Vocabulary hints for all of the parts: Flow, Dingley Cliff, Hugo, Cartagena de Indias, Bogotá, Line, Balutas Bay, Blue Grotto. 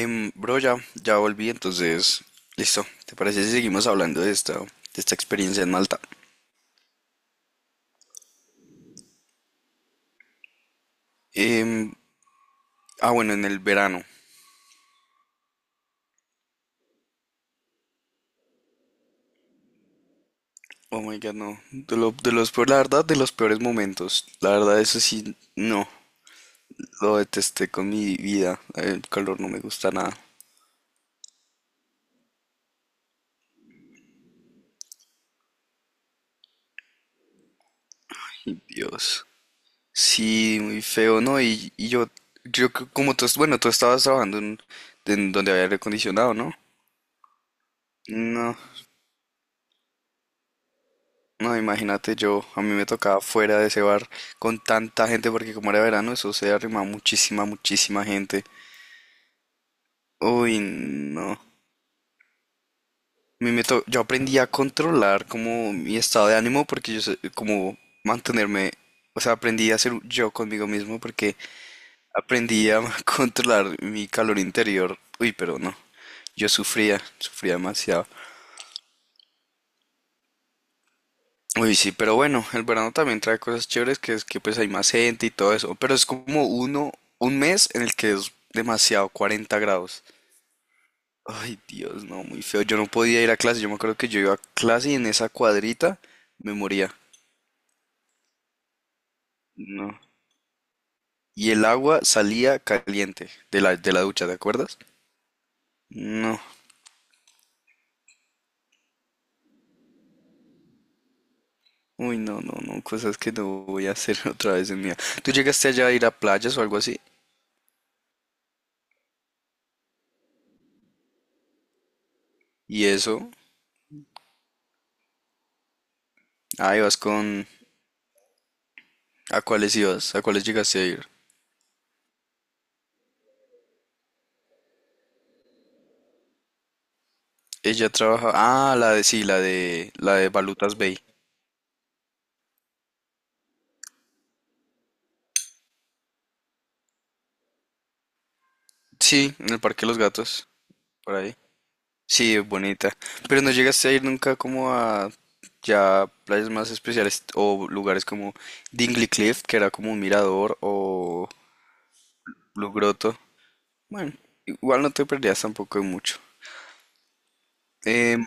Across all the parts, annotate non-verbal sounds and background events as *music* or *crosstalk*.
Bro, ya volví, entonces, listo. ¿Te parece si seguimos hablando de esta experiencia en Malta? Em, bueno, en el verano. Oh my God, no. De los peores, la verdad, de los peores momentos. La verdad, eso sí, no. Lo detesté con mi vida. El calor no me gusta nada. Ay, Dios. Sí, muy feo, ¿no? Y yo, como tú, bueno, tú estabas trabajando en donde había aire acondicionado, ¿no? No. No, imagínate yo, a mí me tocaba fuera de ese bar con tanta gente porque como era verano eso se arrimaba muchísima, muchísima gente. Uy, no. A mí me to- yo aprendí a controlar como mi estado de ánimo porque yo sé como mantenerme, o sea, aprendí a ser yo conmigo mismo porque aprendí a *laughs* controlar mi calor interior. Uy, pero no. Yo sufría, sufría demasiado. Uy, sí, pero bueno, el verano también trae cosas chéveres que es que pues hay más gente y todo eso, pero es como uno, un mes en el que es demasiado, 40 grados. Ay, Dios, no, muy feo. Yo no podía ir a clase, yo me acuerdo que yo iba a clase y en esa cuadrita me moría. No. Y el agua salía caliente de la ducha, ¿te acuerdas? No. Uy, no, no, no, cosas que no voy a hacer *laughs* otra vez en mi vida. ¿Tú llegaste allá a ir a playas o algo así? ¿Y eso? Ah, ibas con. ¿A cuáles ibas? ¿A cuáles llegaste a ir? Ella trabaja. Ah, la de. Sí, la de. La de Balutas Bay. Sí, en el Parque de los Gatos. Por ahí. Sí, es bonita. Pero no llegaste a ir nunca como a. Ya playas más especiales o lugares como Dingley Cliff, que era como un mirador, o Blue Grotto. Bueno, igual no te perdías tampoco de mucho. Em,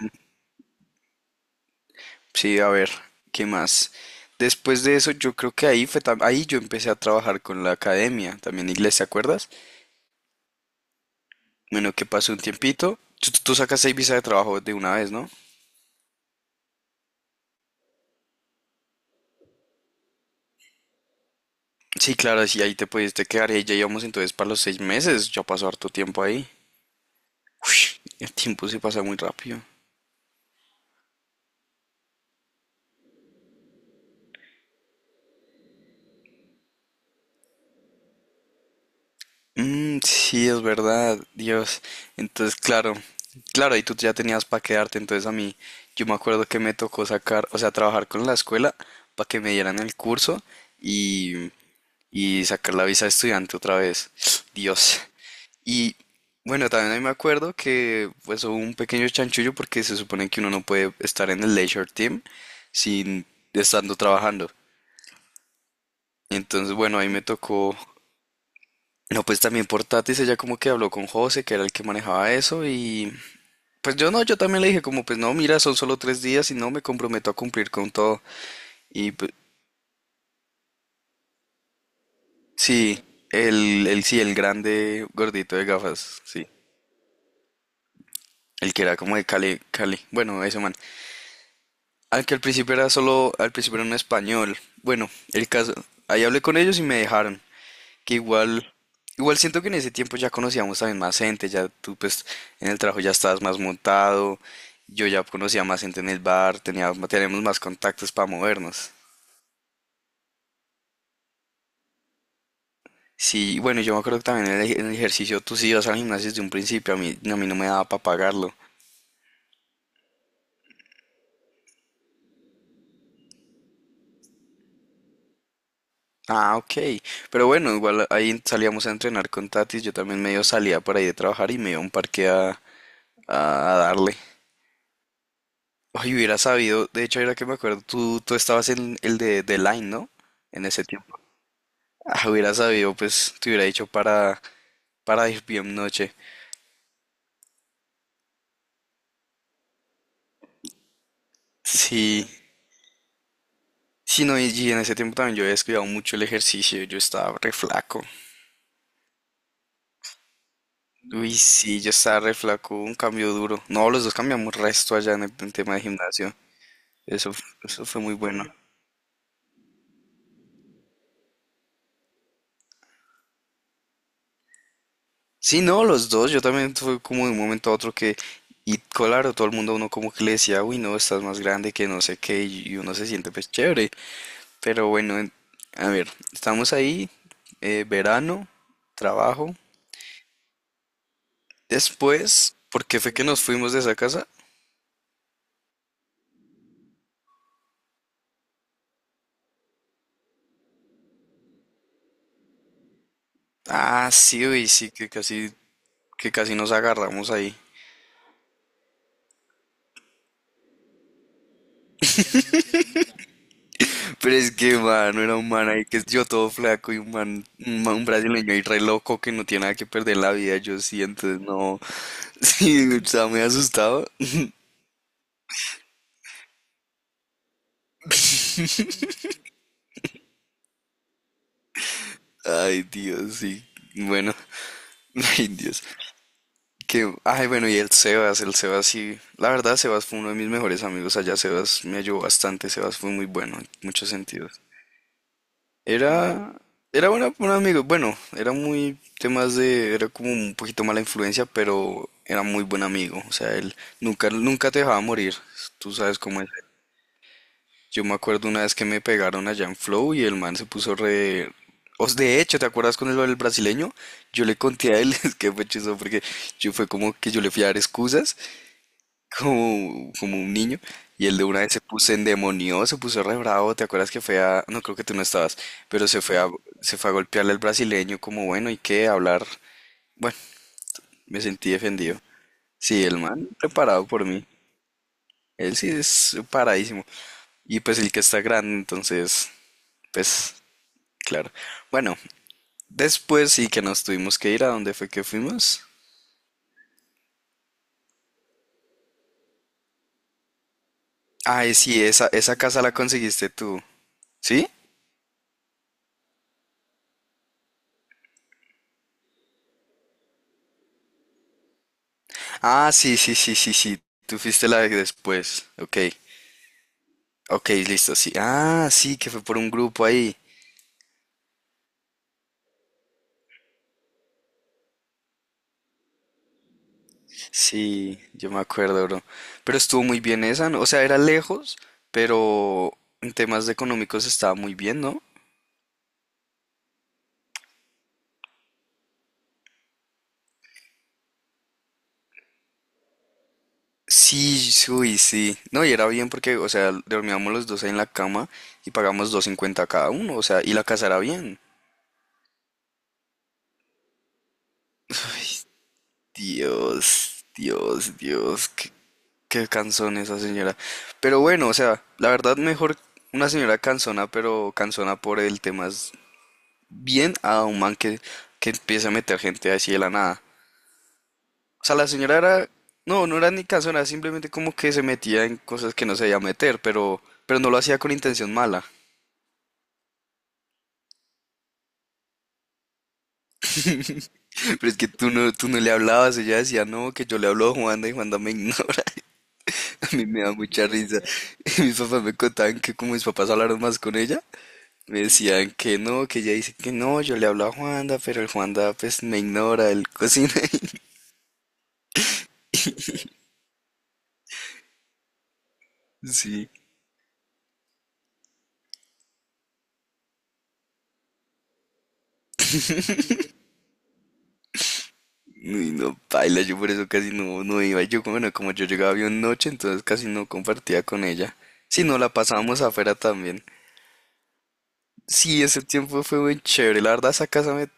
sí, a ver, ¿qué más? Después de eso, yo creo que ahí fue ahí yo empecé a trabajar con la academia, también inglés, ¿te acuerdas? Bueno, que pasó un tiempito. Tú sacas seis visas de trabajo de una vez, ¿no? Sí, claro, sí, ahí te pudiste quedar y ahí ya íbamos entonces para los 6 meses. Ya pasó harto tiempo ahí. Uy, el tiempo se pasa muy rápido. Mm, sí, es verdad, Dios. Entonces, claro, claro, y tú ya tenías para quedarte, entonces a mí, yo me acuerdo que me tocó sacar, o sea, trabajar con la escuela para que me dieran el curso y, y sacar la visa de estudiante otra vez. Dios, y bueno, también ahí me acuerdo que pues hubo un pequeño chanchullo porque se supone que uno no puede estar en el leisure team sin estando trabajando. Entonces, bueno, ahí me tocó, no, pues también por Tatis, ella como que habló con José, que era el que manejaba eso y pues yo no, yo también le dije como pues no, mira, son solo 3 días y no me comprometo a cumplir con todo. Y pues, sí, el sí, el grande gordito de gafas, sí. El que era como de Cali, Cali, bueno, ese man. Al que al principio era solo, al principio era en español. Bueno, el caso, ahí hablé con ellos y me dejaron. Que igual siento que en ese tiempo ya conocíamos también más gente, ya tú pues en el trabajo ya estabas más montado, yo ya conocía más gente en el bar, teníamos más contactos para movernos. Sí, y bueno, yo me acuerdo que también en el ejercicio tú sí ibas al gimnasio desde un principio, a mí no me daba para pagarlo. Ah, ok. Pero bueno, igual ahí salíamos a entrenar con Tatis, yo también medio salía por ahí de trabajar y me iba a un parque a, a darle. Ay, hubiera sabido, de hecho, ahora que me acuerdo, tú estabas en el de Line, ¿no? En ese tiempo. Ah, hubiera sabido, pues te hubiera dicho para ir bien noche. Sí, sí, no, y en ese tiempo también yo había descuidado mucho el ejercicio, yo estaba re flaco. Uy, sí, yo estaba re flaco, un cambio duro. No, los dos cambiamos resto allá en el en tema de gimnasio. Eso, eso fue muy bueno. Sí, no, los dos. Yo también fue como de un momento a otro que, y claro, todo el mundo a uno como que le decía, uy, no, estás más grande que no sé qué, y uno se siente pues chévere. Pero bueno, a ver, estamos ahí, verano, trabajo. Después, ¿por qué fue que nos fuimos de esa casa? Ah, sí, uy, sí, que casi nos agarramos ahí. Pero es que, mano, era un man ahí que yo todo flaco y un brasileño ahí re loco que no tiene nada que perder la vida, yo sí, entonces no, *laughs* sí, estaba muy asustado. Ay, Dios, sí, bueno, *laughs* ay, Dios. Que, ay, bueno, y el Sebas sí, la verdad, Sebas fue uno de mis mejores amigos allá, Sebas me ayudó bastante, Sebas fue muy bueno en muchos sentidos. Era, era un amigo, bueno, era muy temas de, era como un poquito mala influencia, pero era muy buen amigo, o sea, él nunca, nunca te dejaba morir, tú sabes cómo es. Yo me acuerdo una vez que me pegaron allá en Flow y el man se puso re. Os, de hecho, ¿te acuerdas con el brasileño? Yo le conté a él, *laughs* es que fue chistoso porque yo fue como que yo le fui a dar excusas como un niño. Y el de una vez se puso endemoniado, se puso re bravo. ¿Te acuerdas que fue a. No, creo que tú no estabas, pero se fue a golpearle al brasileño como, bueno, ¿y qué? Hablar. Bueno, me sentí defendido. Sí, el man preparado por mí. Él sí es paradísimo. Y pues el que está grande, entonces, pues, claro. Bueno, después sí que nos tuvimos que ir a dónde fue que fuimos. Ay, sí, esa casa la conseguiste tú. ¿Sí? Ah, sí, sí, sí, sí, sí. Tú fuiste la de después. Ok. Ok, listo, sí. Ah, sí, que fue por un grupo ahí. Sí, yo me acuerdo, bro. Pero estuvo muy bien esa, ¿no? O sea, era lejos, pero en temas de económicos estaba muy bien, ¿no? Sí, sí, uy, sí. No, y era bien porque, o sea, dormíamos los dos ahí en la cama y pagamos 250 cada uno, o sea, y la casa era bien. Dios, Dios, Dios, qué, qué cansón esa señora. Pero bueno, o sea, la verdad mejor una señora cansona, pero cansona por el tema es bien a un man que empieza a meter gente así de la nada. O sea, la señora era, no, no era ni cansona, simplemente como que se metía en cosas que no se debía meter, pero no lo hacía con intención mala. *laughs* Pero es que tú no le hablabas, ella decía, no, que yo le hablo a Juanda y Juanda me ignora. *laughs* A mí me da mucha risa. *laughs* Mis papás me contaban que como mis papás hablaron más con ella, me decían que no, que ella dice que no, yo le hablo a Juanda, pero el Juanda pues me ignora, él cocina. *laughs* Sí, y no, baila, yo por eso casi no, no iba. Yo, bueno, como yo llegaba bien noche, entonces casi no compartía con ella. Si no, la pasábamos afuera también. Sí, ese tiempo fue muy chévere. La verdad, esa casa me,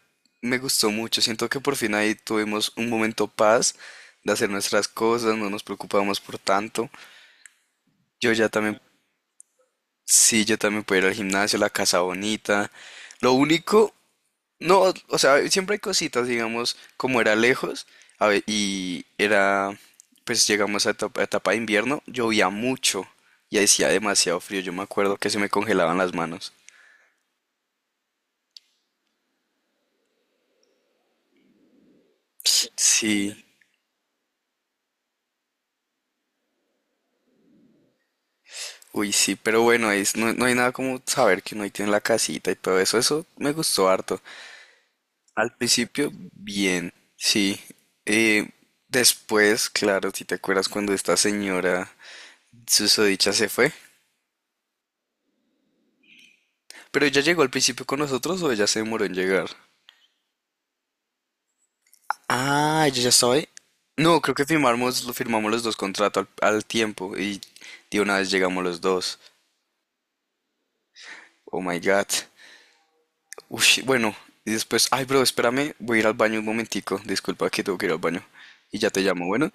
me gustó mucho. Siento que por fin ahí tuvimos un momento paz de hacer nuestras cosas, no nos preocupábamos por tanto. Yo ya también, sí, yo también pude ir al gimnasio, la casa bonita. Lo único. No, o sea, siempre hay cositas, digamos, como era lejos, y era, pues llegamos a etapa de invierno, llovía mucho y hacía demasiado frío, yo me acuerdo que se me congelaban las manos. Sí, uy, sí, pero bueno, no, no hay nada como saber que uno ahí tiene la casita y todo eso, eso me gustó harto. Al principio, bien, sí. eh, después, claro, si te acuerdas cuando esta señora susodicha se fue, pero ella llegó al principio con nosotros o ella se demoró en llegar. Ah, yo ya estaba. No, creo que firmamos, lo firmamos los dos contratos al tiempo y de una vez llegamos los dos. Oh my God. Ush, bueno, y después, ay, bro, espérame, voy a ir al baño un momentico. Disculpa que tengo que ir al baño. Y ya te llamo, bueno.